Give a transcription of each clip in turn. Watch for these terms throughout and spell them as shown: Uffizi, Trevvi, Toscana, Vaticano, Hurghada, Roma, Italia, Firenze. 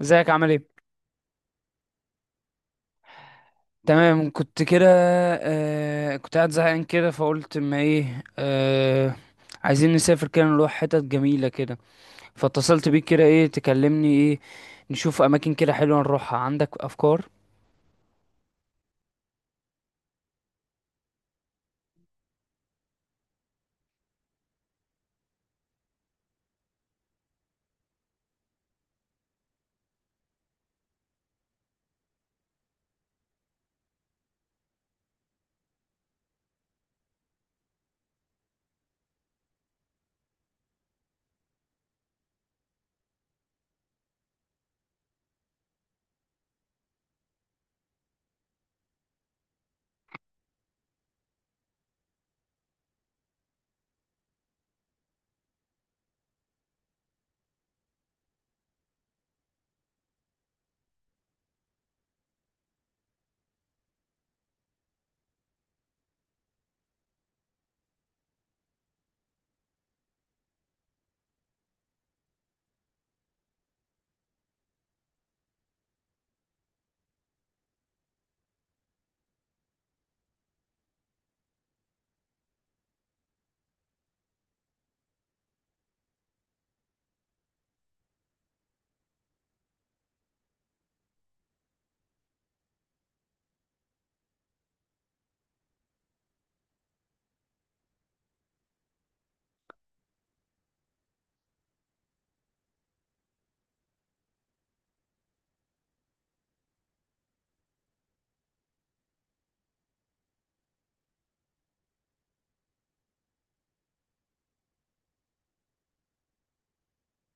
ازيك عامل ايه؟ تمام كنت كده. كنت قاعد زهقان كده فقلت ما ايه عايزين نسافر كده نروح حتت جميلة كده. فاتصلت بيك كده ايه تكلمني ايه. نشوف اماكن كده حلوة نروحها. عندك افكار؟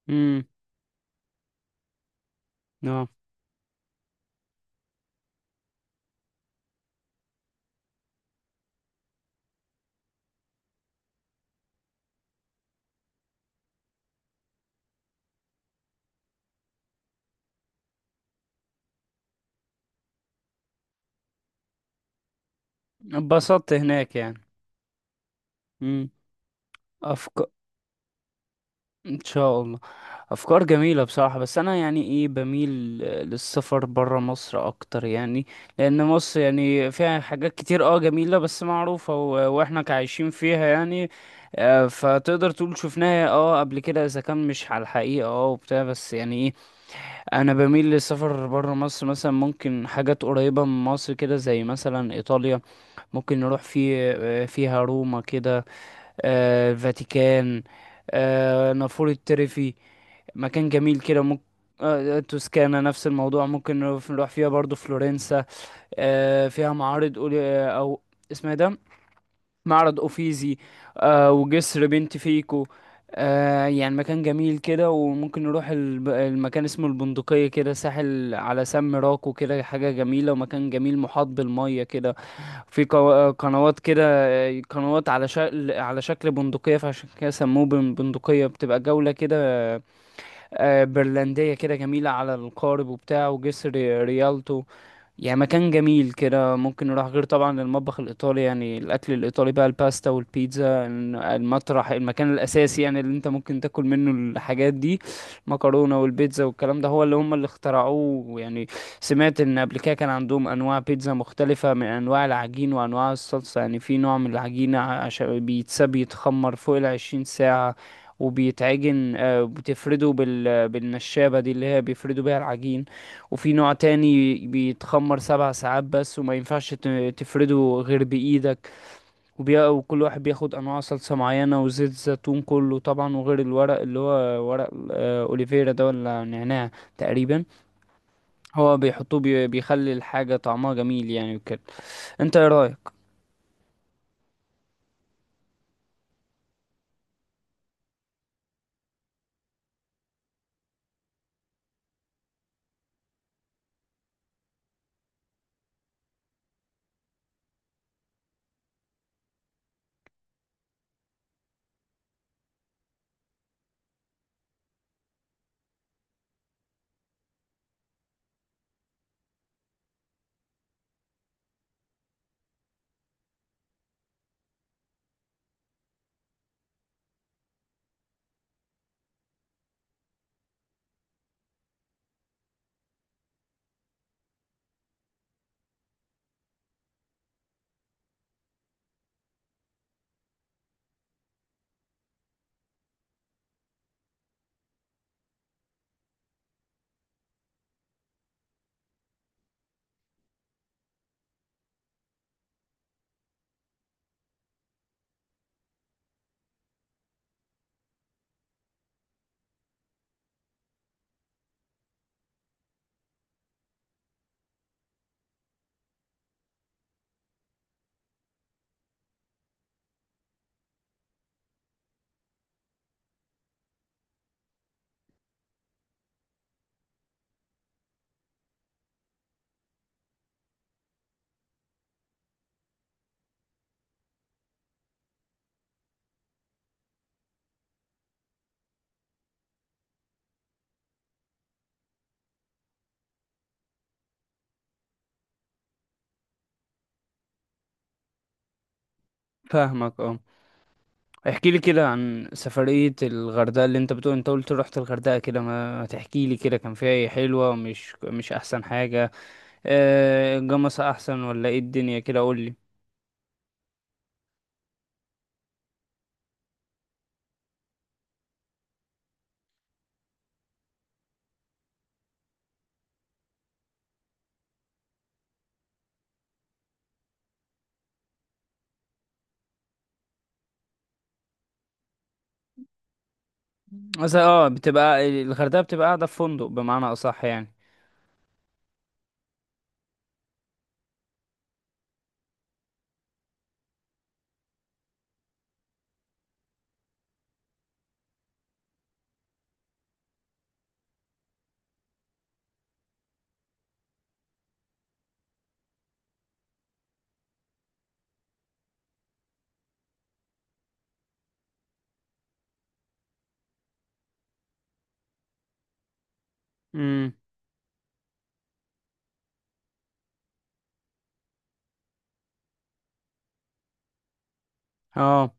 امم. اه. اتبسطت هناك يعني؟ امم. افكار. ان شاء الله. افكار جميله بصراحه، بس انا يعني ايه، بميل للسفر برا مصر اكتر يعني. لان مصر يعني فيها حاجات كتير، اه، جميله بس معروفه، واحنا كعايشين فيها يعني. فتقدر تقول شفناها اه قبل كده، اذا كان مش على الحقيقه، اه، وبتاع، بس يعني ايه، انا بميل للسفر برا مصر. مثلا ممكن حاجات قريبه من مصر كده، زي مثلا ايطاليا. ممكن نروح في، فيها روما كده، الفاتيكان، نافورة تريفي. مكان جميل كده ممكن. توسكانا نفس الموضوع، ممكن نروح فيها برضو فلورنسا. فيها معارض او اسمها إيه ده، معرض اوفيزي. وجسر بنت فيكو. يعني مكان جميل كده، وممكن نروح المكان اسمه البندقية كده، ساحل على سم راكو كده، حاجة جميلة ومكان جميل محاط بالمية كده. في قنوات كده. قنوات على شكل بندقية، فعشان كده سموه بندقية. بتبقى جولة كده برلندية كده جميلة، على القارب وبتاع، وجسر ريالتو. يعني مكان جميل كده ممكن نروح. غير طبعا المطبخ الإيطالي، يعني الأكل الإيطالي بقى الباستا والبيتزا. المطرح المكان الأساسي يعني اللي أنت ممكن تاكل منه الحاجات دي، مكرونة والبيتزا والكلام ده، هو اللي هم اللي اخترعوه يعني. سمعت إن قبل كده كان عندهم أنواع بيتزا مختلفة، من أنواع العجين وأنواع الصلصة. يعني في نوع من العجينة عشان بيتساب يتخمر فوق 20 ساعة، وبيتعجن، بتفرده بالنشابة دي، اللي هي بيفردوا بيها العجين. وفي نوع تاني بيتخمر 7 ساعات بس، وما ينفعش تفرده غير بإيدك. وكل واحد بياخد أنواع صلصة معينة وزيت زيتون، كله طبعا، وغير الورق اللي هو ورق، أوليفيرا ده ولا نعناع، تقريبا. هو بيحطوه، بيخلي الحاجة طعمها جميل يعني، وكده. انت ايه رأيك؟ فاهمك اه. احكي لي كده عن سفرية الغردقة اللي انت بتقول، انت قلت رحت الغردقة كده، ما تحكي لي كده كان فيها ايه حلوة، مش احسن حاجة، الجمصة احسن ولا ايه الدنيا كده قول لي. مثلا اه، بتبقى الغردقة بتبقى قاعدة في فندق بمعنى اصح يعني. امم. اه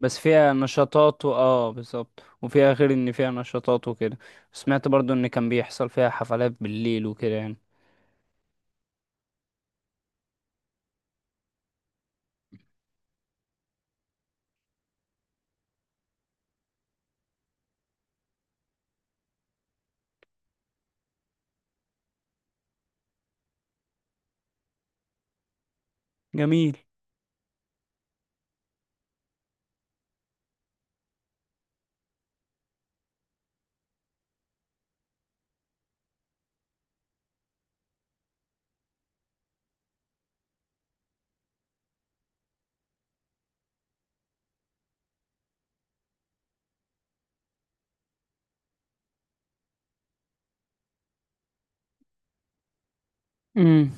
بس فيها نشاطات اه، بالظبط، وفيها غير ان فيها نشاطات وكده. سمعت برضو ان كان بيحصل فيها حفلات بالليل وكده يعني. جميل. امم.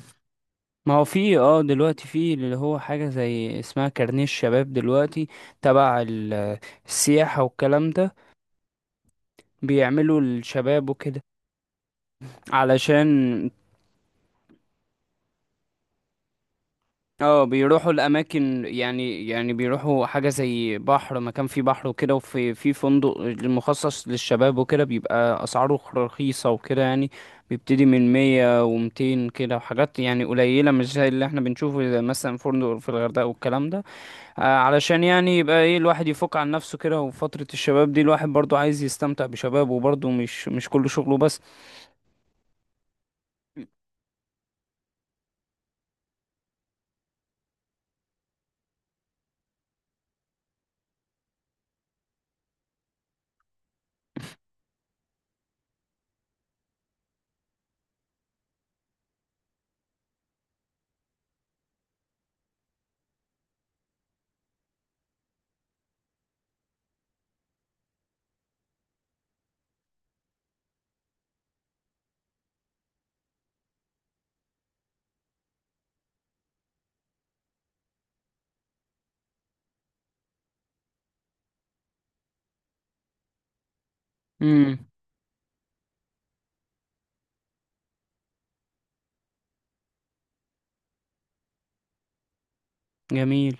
ما هو في اه دلوقتي في اللي هو حاجة زي اسمها كارنيه الشباب دلوقتي، تبع السياحة والكلام ده، بيعملوا الشباب وكده، علشان اه بيروحوا الاماكن، يعني بيروحوا حاجه زي بحر، مكان فيه بحر وكده، وفي فندق مخصص للشباب وكده، بيبقى اسعاره رخيصه وكده يعني، بيبتدي من 100 و200 كده، وحاجات يعني قليله، مش زي اللي احنا بنشوفه زي مثلا فندق في الغردقه والكلام ده. علشان يعني يبقى ايه الواحد يفك عن نفسه كده، وفتره الشباب دي الواحد برضو عايز يستمتع بشبابه برضو، مش كل شغله بس. امم. جميل.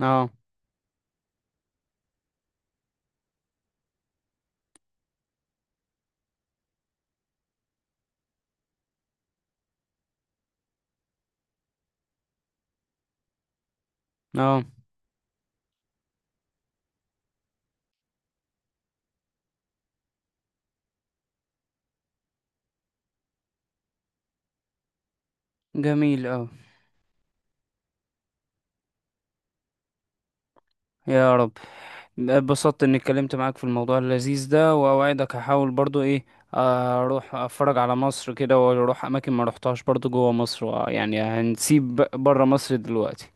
اه. اه. جميل. اه. يا رب. اتبسطت اني اتكلمت معاك في الموضوع اللذيذ ده، واوعدك هحاول برضو ايه، اروح اتفرج على مصر كده، واروح اماكن ما روحتهاش برضو جوه مصر، يعني هنسيب بره مصر دلوقتي،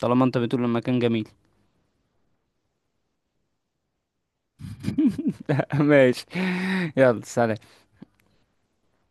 طالما انت بتقول المكان جميل. ماشي. يلا سلام.